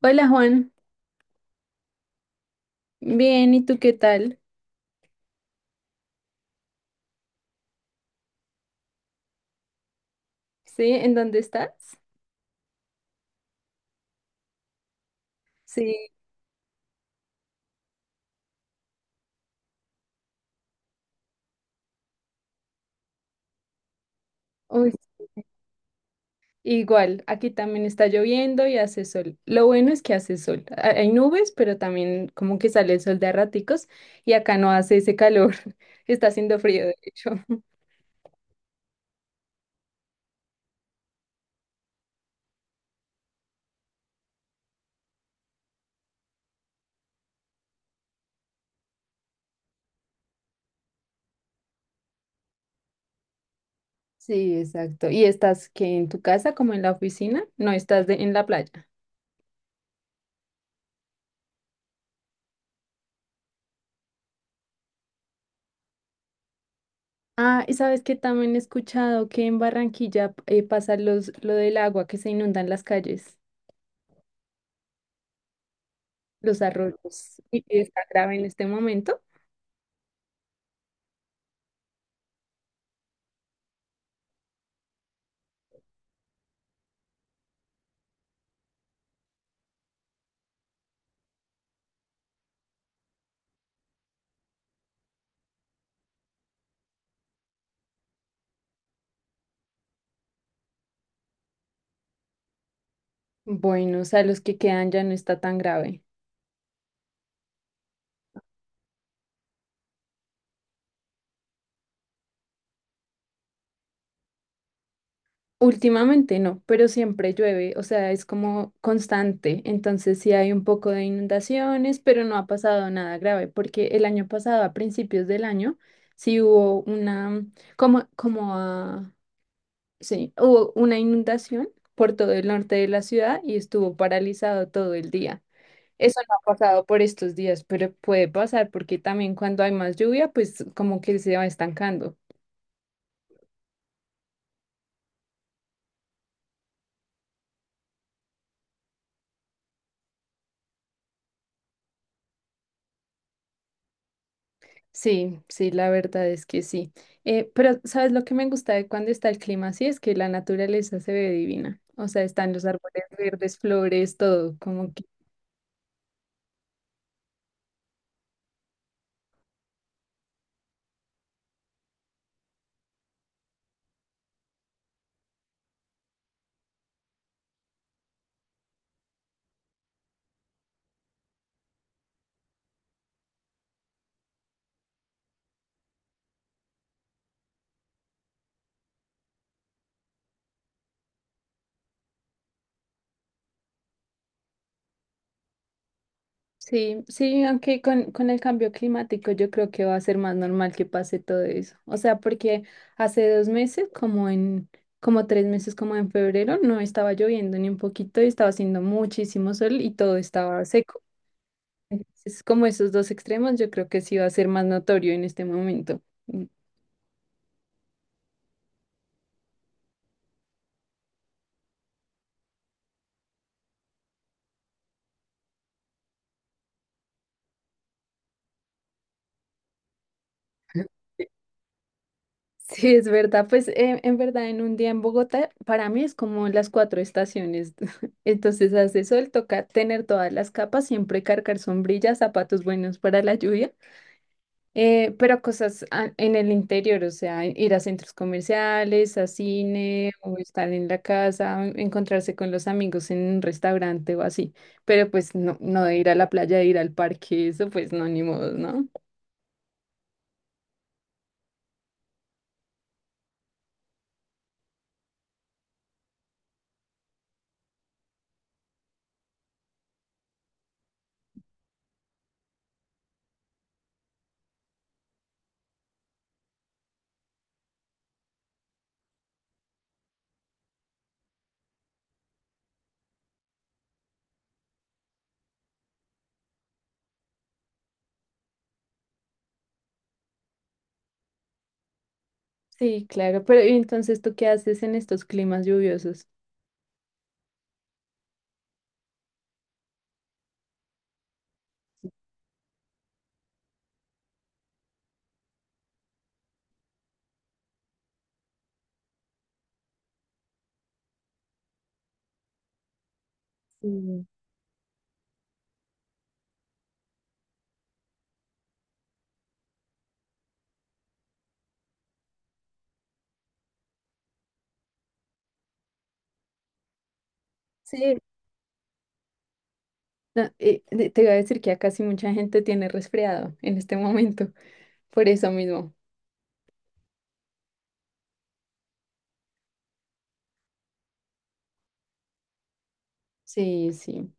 Hola Juan, bien, ¿y tú qué tal? ¿Sí? ¿En dónde estás? Sí, uy, igual, aquí también está lloviendo y hace sol. Lo bueno es que hace sol. Hay nubes, pero también como que sale el sol de a raticos y acá no hace ese calor. Está haciendo frío, de hecho. Sí, exacto. ¿Y estás que en tu casa como en la oficina? No, estás en la playa. Ah, y sabes que también he escuchado que en Barranquilla pasa lo del agua que se inundan las calles. Los arroyos y que está grave en este momento. Bueno, o sea, los que quedan ya no está tan grave. Últimamente no, pero siempre llueve, o sea, es como constante. Entonces sí hay un poco de inundaciones, pero no ha pasado nada grave, porque el año pasado, a principios del año, sí hubo una, como, como, ah, sí, hubo una inundación por todo el norte de la ciudad y estuvo paralizado todo el día. Eso no ha pasado por estos días, pero puede pasar porque también cuando hay más lluvia, pues como que se va estancando. Sí, sí, la verdad es que sí. Pero ¿sabes lo que me gusta de cuando está el clima así? Es que la naturaleza se ve divina. O sea, están los árboles verdes, flores, todo, como que... Sí, sí, aunque con el cambio climático yo creo que va a ser más normal que pase todo eso. O sea, porque hace 2 meses, como 3 meses, como en febrero, no estaba lloviendo ni un poquito y estaba haciendo muchísimo sol y todo estaba seco. Entonces, como esos dos extremos, yo creo que sí va a ser más notorio en este momento. Mm. Sí, es verdad. Pues en verdad, en un día en Bogotá, para mí es como las cuatro estaciones. Entonces, hace sol, toca tener todas las capas, siempre cargar sombrillas, zapatos buenos para la lluvia, pero cosas en el interior, o sea, ir a centros comerciales, a cine, o estar en la casa, o encontrarse con los amigos en un restaurante o así. Pero pues no, no de ir a la playa, de ir al parque, eso pues no, ni modo, ¿no? Sí, claro. Pero ¿y entonces tú qué haces en estos climas lluviosos? Sí, sí, no, te iba a decir que acá sí mucha gente tiene resfriado en este momento, por eso mismo. Sí, sí.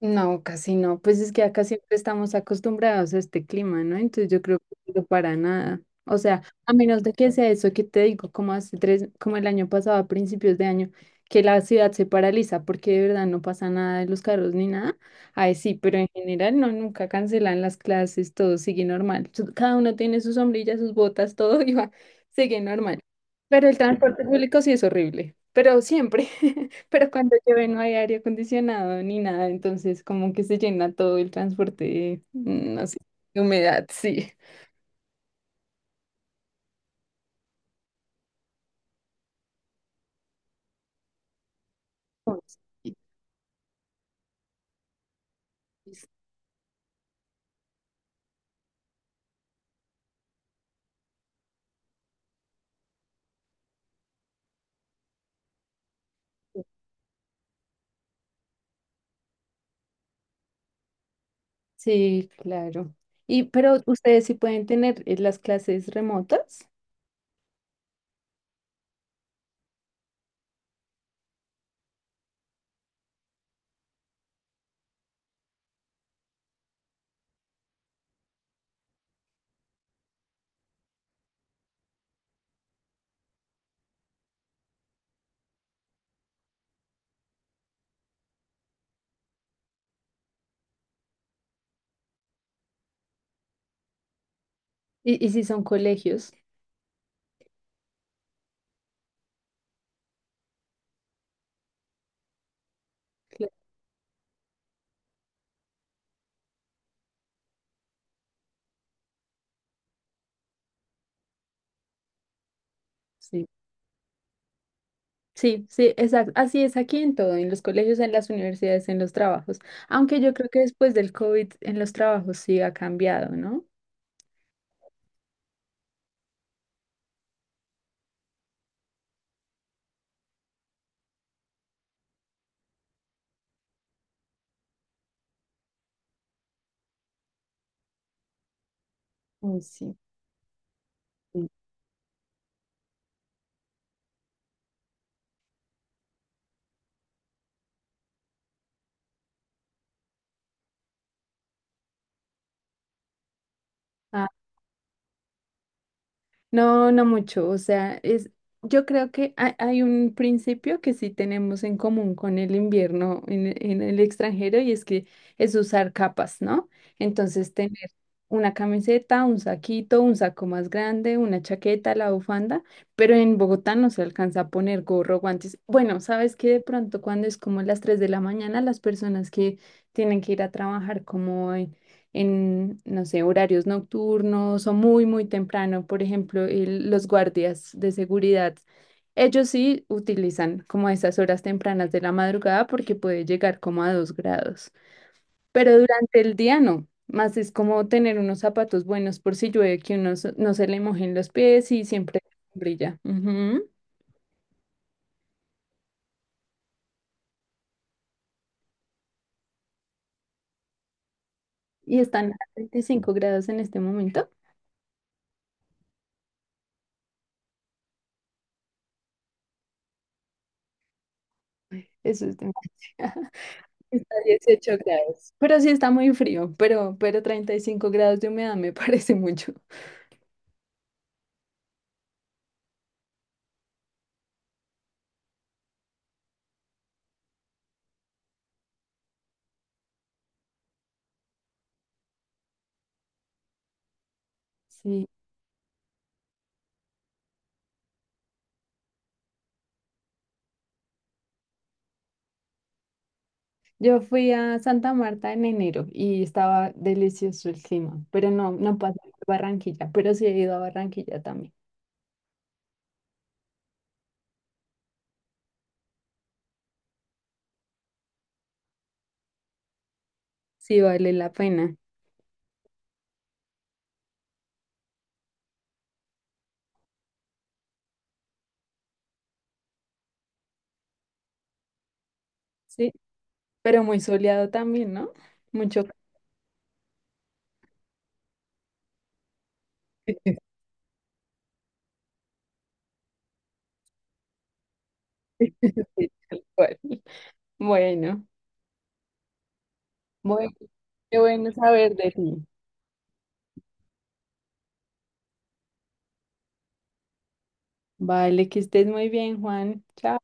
No, casi no. Pues es que acá siempre estamos acostumbrados a este clima, ¿no? Entonces yo creo que no para nada. O sea, a menos de que sea eso que te digo, como hace tres, como el año pasado, a principios de año, que la ciudad se paraliza porque de verdad no pasa nada de los carros ni nada. Ahí sí, pero en general no, nunca cancelan las clases, todo sigue normal. Cada uno tiene su sombrilla, sus botas, todo y va, sigue normal. Pero el transporte público sí es horrible, pero siempre. Pero cuando llueve no hay aire acondicionado ni nada, entonces como que se llena todo el transporte, de, no sé, de humedad, sí. Mosquitos. Sí, claro. Y pero ustedes sí pueden tener las clases remotas y si son colegios. Claro, sí, sí, sí, exacto. Así es aquí en todo, en los colegios, en las universidades, en los trabajos. Aunque yo creo que después del COVID en los trabajos sí ha cambiado, ¿no? Uy, sí. Sí. No, no mucho. O sea, es, yo creo que hay un principio que sí tenemos en común con el invierno en, en el extranjero y es que es usar capas, ¿no? Entonces, tener una camiseta, un saquito, un saco más grande, una chaqueta, la bufanda, pero en Bogotá no se alcanza a poner gorro, guantes. Bueno, sabes que de pronto cuando es como las 3 de la mañana, las personas que tienen que ir a trabajar como en, no sé, horarios nocturnos o muy, muy temprano. Por ejemplo, los guardias de seguridad, ellos sí utilizan como esas horas tempranas de la madrugada porque puede llegar como a 2 grados, pero durante el día no. Más es como tener unos zapatos buenos por si llueve, que uno no se le mojen los pies y siempre brilla. Ujú. Y están a 35 grados en este momento. Eso es demasiado. Está a 18 grados. Pero sí está muy frío, pero 35 grados de humedad me parece mucho. Sí. Yo fui a Santa Marta en enero y estaba delicioso el clima, pero no, no pasé por Barranquilla, pero sí he ido a Barranquilla también. Sí vale la pena. Sí, pero muy soleado también, ¿no? Mucho calor. Sí, tal cual. Bueno, bueno, qué bueno saber de ti. Vale, que estés muy bien, Juan. Chao.